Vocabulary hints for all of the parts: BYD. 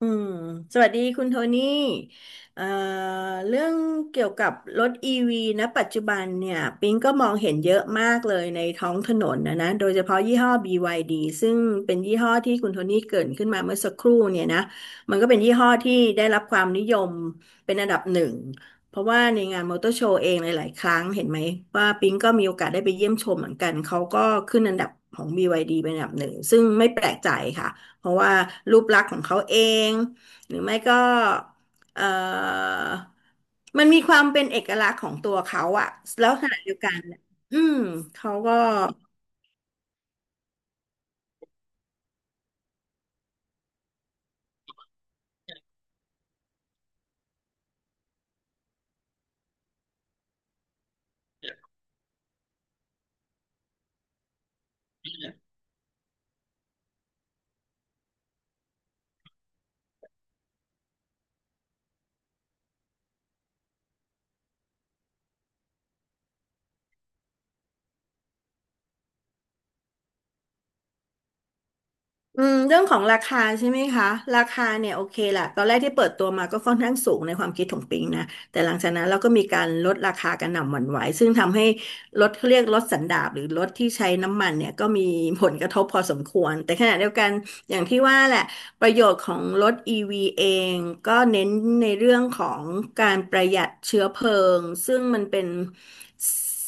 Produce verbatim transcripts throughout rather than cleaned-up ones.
อืมสวัสดีคุณโทนี่เอ่อเรื่องเกี่ยวกับรถอีวีนะปัจจุบันเนี่ยปิงก็มองเห็นเยอะมากเลยในท้องถนนนะนะโดยเฉพาะยี่ห้อ บี วาย ดี ซึ่งเป็นยี่ห้อที่คุณโทนี่เกริ่นขึ้นมาเมื่อสักครู่เนี่ยนะ มันก็เป็นยี่ห้อที่ได้รับความนิยมเป็นอันดับหนึ่ง เพราะว่าในงานมอเตอร์โชว์เองหลายๆครั้งเห็นไหมว่าปิงก็มีโอกาสได้ไปเยี่ยมชมเหมือนกันเขาก็ขึ้นอันดับของบีวายดีเป็นอันดับหนึ่งซึ่งไม่แปลกใจค่ะ เพราะว่ารูปลักษณ์ของเขาเอง หรือไม่ก็เอ่อมันมีความเป็นเอกลักษณ์ของตัวเขาอะแล้วขณะเดียวกันเนี่ยอืมเขาก็ อืมเรื่องของราคาใช่ไหมคะราคาเนี่ยโอเคแหละตอนแรกที่เปิดตัวมาก็ค่อนข้างสูงในความคิดของปิงนะแต่หลังจากนั้นเราก็มีการลดราคากันหน่ำหวั่นไหวซึ่งทำให้รถเขาเรียกรถสันดาปหรือรถที่ใช้น้ำมันเนี่ยก็มีผลกระทบพอสมควรแต่ขณะเดียวกันอย่างที่ว่าแหละประโยชน์ของรถ อี วี เองก็เน้นในเรื่องของการประหยัดเชื้อเพลิงซึ่งมันเป็น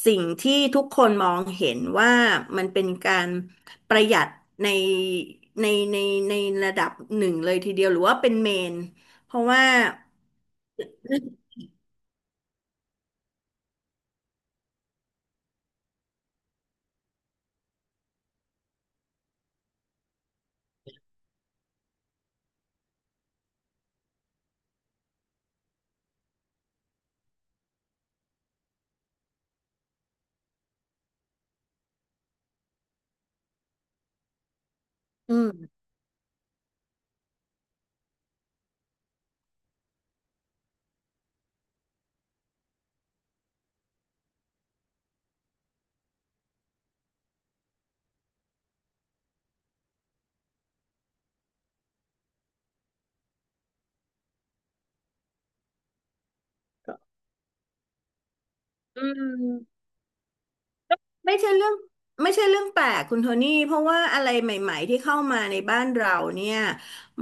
สิ่งที่ทุกคนมองเห็นว่ามันเป็นการ ประหยัดในในในในระดับหนึ่งเลยทีเดียวหรือว่าเป็นเมนเพราะว่าอืมอืม ไม่ใช่เรื่องไม่ใช่เรื่องแปลกคุณโทนี่เพราะว่าอะไรใหม่ๆที่เข้ามาในบ้านเราเนี่ย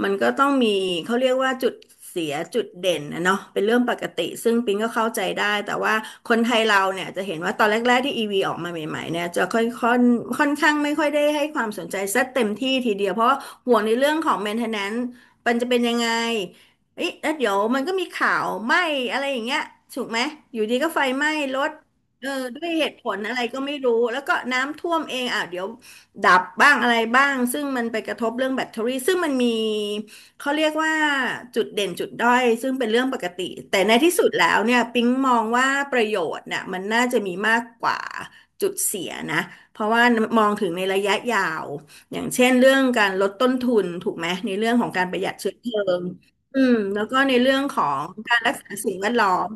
มันก็ต้องมีเขาเรียกว่าจุดเสียจุดเด่นนะเนาะเป็นเรื่องปกติซึ่งปิงก็เข้าใจได้แต่ว่าคนไทยเราเนี่ยจะเห็นว่าตอนแรกๆที่ อี วี ออกมาใหม่ๆเนี่ยจะค่อยค่อนค่อนข้างไม่ค่อยได้ให้ความสนใจสักเต็มที่ทีเดียวเพราะว่าห่วงในเรื่องของ maintenance มันจะเป็นยังไงเอ๊ะแล้วเดี๋ยวมันก็มีข่าวไหม้อะไรอย่างเงี้ยถูกไหมอยู่ดีก็ไฟไหม้รถ เออด้วยเหตุผลอะไรก็ไม่รู้แล้วก็น้ำท่วมเองอ่ะเดี๋ยวดับบ้างอะไรบ้างซึ่งมันไปกระทบเรื่องแบตเตอรี่ซึ่งมันมีเขาเรียกว่าจุดเด่นจุดด้อยซึ่งเป็นเรื่องปกติแต่ในที่สุดแล้วเนี่ยปิ๊งมองว่าประโยชน์เนี่ยมันน่าจะมีมากกว่าจุดเสียนะเพราะว่ามองถึงในระยะยาวอย่างเช่นเรื่องการลดต้นทุนถูกไหมในเรื่องของการประหยัดเชื้อเพลิงอืมแล้วก็ในเรื่องของการรักษาสิ่งแวดล้อม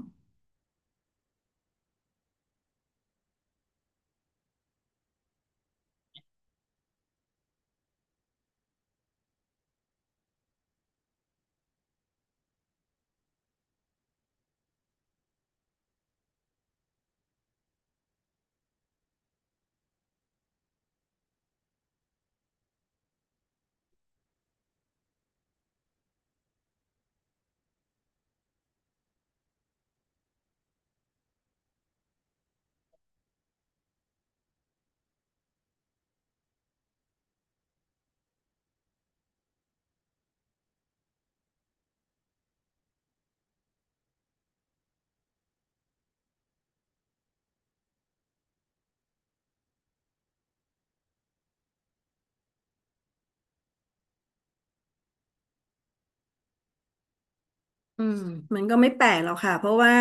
อืมมันก็ไม่แปลกหรอกค่ะเพราะว่า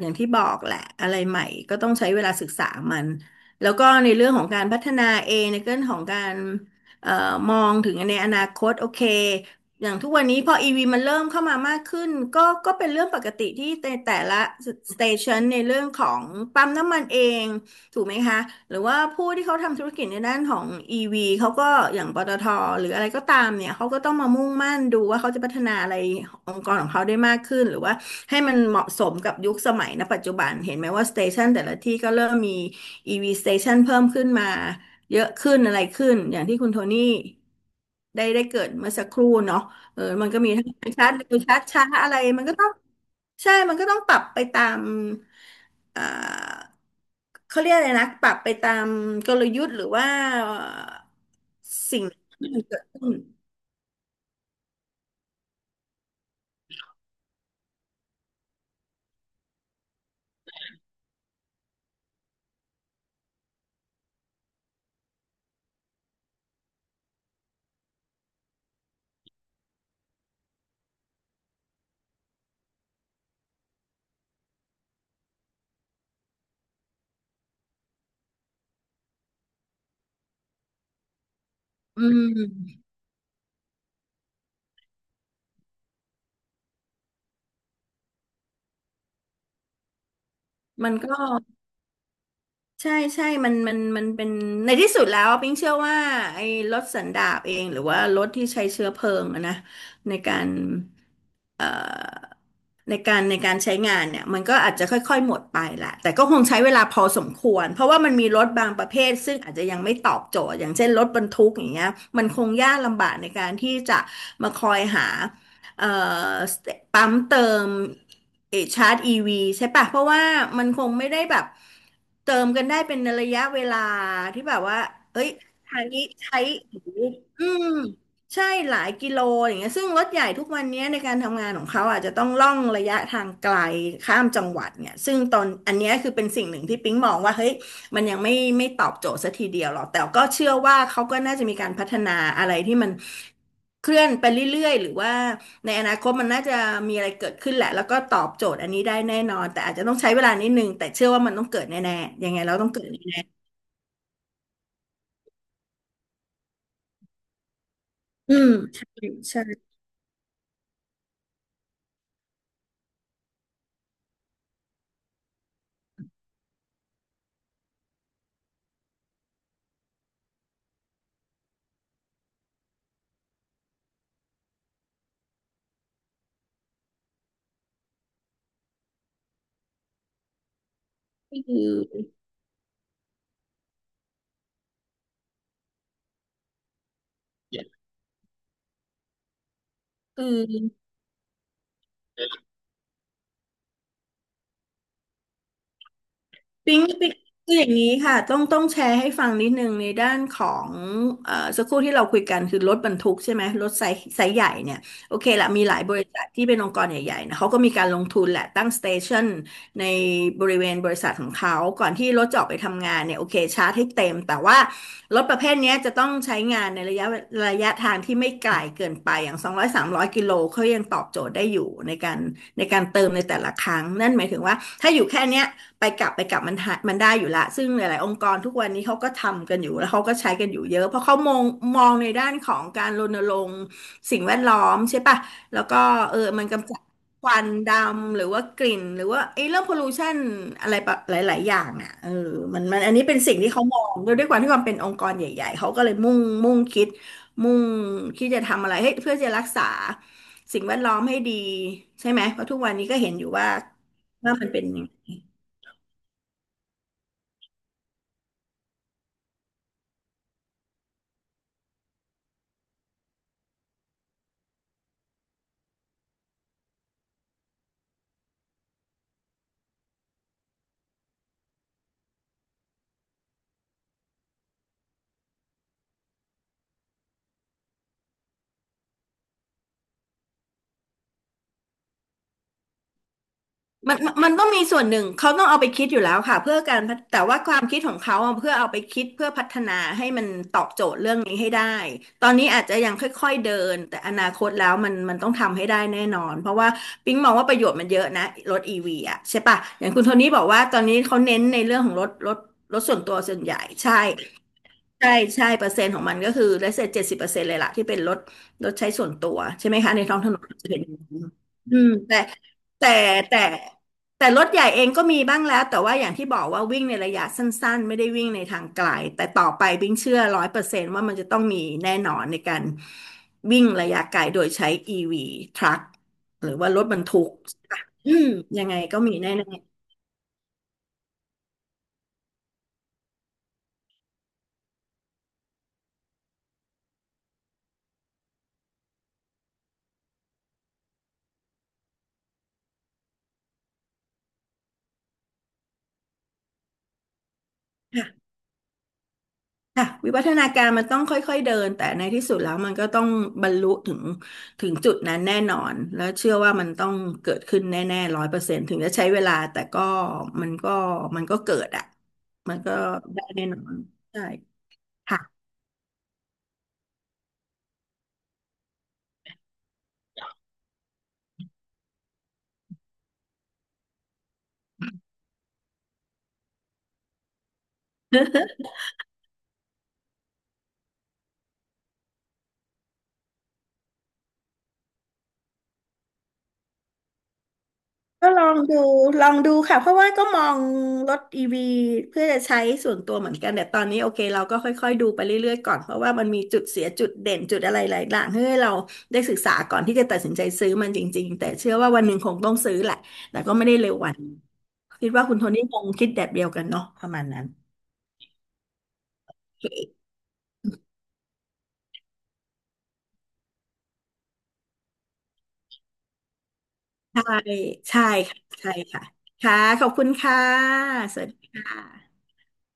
อย่างที่บอกแหละอะไรใหม่ก็ต้องใช้เวลาศึกษามันแล้วก็ในเรื่องของการพัฒนาเองในเรื่องของการเอ่อมองถึงในอนาคตโอเคอย่างทุกวันนี้พออีวีมันเริ่มเข้ามามากขึ้นก็ก็เป็นเรื่องปกติที่แต่แต่ละสเตชันในเรื่องของปั๊มน้ำมันเอง ถูกไหมคะหรือว่าผู้ที่เขาทำธุรกิจในด้านของ อี วี เขาก็อย่างปตทหรืออะไรก็ตามเนี่ย เขาก็ต้องมามุ่งมั่นดูว่าเขาจะพัฒนาอะไรองค์กรของเขาได้มากขึ้น หรือว่าให้มันเหมาะสมกับยุคสมัยณปัจจุบันเห็นไหมว่าสเตชันแต่ละที่ก็เริ่มมี อี วี station เตชันเพิ่มขึ้นมาเยอะขึ้นอะไรขึ้น อย่างที่คุณโทนี่ ได้ได้เกิดเมื่อสักครู่เนาะเออมันก็มีทั้งชัดเร็วชัดช้าอะไร มันก็ต้องใช่ มันก็ต้องปรับไปตาม เอ่อ เขาเรียกอะไรนะ ปรับไปตามกลยุทธ์หรือว่าสิ่งที่มันเกิดขึ้นอืมมันก็ ใช่ใช่ มันมันมันเป็นในที่สุดแล้วปิ๊งเชื่อว่าไอ้รถสันดาปเองหรือว่ารถที่ใช้เชื้อเพลิงอะนะในการเอ่อในการในการใช้งานเนี่ยมันก็อาจจะค่อยๆหมดไปแหละแต่ก็คงใช้เวลาพอสมควรเพราะว่ามันมีรถบางประเภทซึ่งอาจจะยังไม่ตอบโจทย์อย่างเช่นรถบรรทุกอย่างเงี้ยมันคงยากลำบากในการที่จะมาคอยหา เอ่อปั๊มเติมเออชาร์จอีวีใช่ปะเพราะว่ามันคงไม่ได้แบบเติมกันได้เป็นระยะเวลาที่แบบว่าเอ้ยทางนี้ใช้อืมใช่หลายกิโลอย่างเงี้ยซึ่งรถใหญ่ทุกวันเนี้ยในการทำงานของเขาอาจจะต้องล่องระยะทางไกลข้ามจังหวัดเนี่ยซึ่งตอนอันเนี้ยคือเป็นสิ่งหนึ่งที่ปิ๊งมองว่าเฮ้ย มันยังไม่ไม่ตอบโจทย์สักทีเดียวหรอกแต่ก็เชื่อว่าเขาก็น่าจะมีการพัฒนาอะไรที่มันเคลื่อนไปเรื่อยๆหรือว่าในอนาคตมันน่าจะมีอะไรเกิดขึ้นแหละแล้วก็ตอบโจทย์อันนี้ได้แน่นอนแต่อาจจะต้องใช้เวลานิดนึงแต่เชื่อว่ามันต้องเกิดแน่ๆยังไงเราต้องเกิดแน่ๆอืมใช่ใช่คือ Yeah. คือ ปิ๊งปิ๊งคืออย่างนี้ค่ะต้องต้องแชร์ให้ฟังนิดนึงในด้านของเอ่อสักครู่ที่เราคุยกันคือรถบรรทุกใช่ไหมรถไซส์ไซส์ใหญ่เนี่ยโอเคละมีหลายบริษัทที่เป็นองค์กรใหญ่ๆนะเขาก็มีการลงทุนแหละตั้งสเตชันในบริเวณบริษัทของเขาก่อนที่รถจะออกไปทำงานเนี่ยโอเคชาร์จให้เต็มแต่ว่ารถประเภทเนี้ยจะต้องใช้งานในระยะระยะทางที่ไม่ไกลเกินไปอย่างสองร้อย สามร้อยกิโลเขายังตอบโจทย์ได้อยู่ในการในการเติมในแต่ละครั้งนั่นหมายถึงว่าถ้าอยู่แค่เนี้ย ไปกลับไปกลับมันหามันได้อยู่ละซึ่งหลายๆองค์กรทุกวันนี้เขาก็ทำกันอยู่แล้วเขาก็ใช้กันอยู่เยอะเพราะเขามองมองในด้านของการรณรงค์สิ่งแวดล้อมใช่ปะแล้วก็เออมันกำจัดควันดำหรือว่ากลิ่นหรือว่าไอ้เรื่องพอลูชันอะไรแบบหลาย ๆ อย่างอ่ะเออมันมันอันนี้เป็นสิ่งที่เขามองด้วยด้วยความที่ความเป็นองค์กรใหญ่ๆเขาก็เลยมุ่งมุ่งคิดมุ่งคิดจะทำอะไรให้เพื่อจะรักษาสิ่งแวดล้อมให้ดีใช่ไหมเพราะทุกวันนี้ก็เห็นอยู่ว่าว่ามันเป็น มันมันมันต้องมีส่วนหนึ่งเขาต้องเอาไปคิดอยู่แล้วค่ะเพื่อการพัฒแต่ว่าความคิดของเขาอะเพื่อเอาไปคิดเพื่อพัฒนาให้มันตอบโจทย์เรื่องนี้ให้ได้ตอนนี้อาจจะยังค่อยๆเดินแต่อนาคตแล้วมันมันต้องทำให้ได้แน่นอนเพราะว่าปิ๊งมองว่าประโยชน์มันเยอะนะรถอีวีอะใช่ปะอย่างคุณโทนี่บอกว่าตอนนี้เขาเน้นในเรื่องของรถรถรถส่วนตัวส่วนใหญ่ใช่ ใช่ใช่เปอร์เซ็นต์ของมันก็คือได้เสร็จเจ็ดสิบเปอร์เซ็นต์เลยล่ะที่เป็นรถรถใช้ส่วนตัวใช่ไหมคะในท้องถนนจะเป็นอย่างนั้นอืมแต่แต่แต่แต่รถใหญ่เองก็มีบ้างแล้วแต่ว่าอย่างที่บอกว่าวิ่งในระยะสั้นๆไม่ได้วิ่งในทางไกลแต่ต่อไปวิ่งเชื่อร้อยเปอร์เซ็นต์ว่ามันจะต้องมีแน่นอนในการวิ่งระยะไกลโดยใช้ อี วี ทรัคหรือว่ารถบรรทุกอืมยังไงก็มีแน่ๆค่ะ ค่ะวิวัฒนาการมันต้องค่อยๆเดินแต่ในที่สุดแล้วมันก็ต้องบรรลุถึงถึงจุดนั้นแน่นอนแล้วเชื่อว่ามันต้องเกิดขึ้นแน่ๆร้อยเปอร์เซ็นต์ถึงจะใช้เวลาแต่ก็มันก็มันก็เกิดอ่ะมันก็ได้แน่นอนใช่ค่ะ ก็ลองดูลองดูค่ะเพราะว่าก็มองรถอีวีเพื่อจะใช้ส่วนตัวเหมือนกันแต่ตอนนี้โอเคเราก็ค่อยๆดูไปเรื่อยๆก่อนเพราะว่ามันมีจุดเสียจุดเด่นจุดอะไรหลายอย่างให้เราได้ศึกษาก่อนที่จะตัดสินใจซื้อมันจริงๆแต่เชื่อว่าวันหนึ่งคงต้องซื้อแหละแต่ก็ไม่ได้เร็ววันนี้คิดว่าคุณโทนี่คงคิดแบบเดียวกันเนาะประมาณนั้นโอเคใช่ใช่ค่ะใช่ค่ะค่ะขอบคุณค่ะสวัสดีค่ะ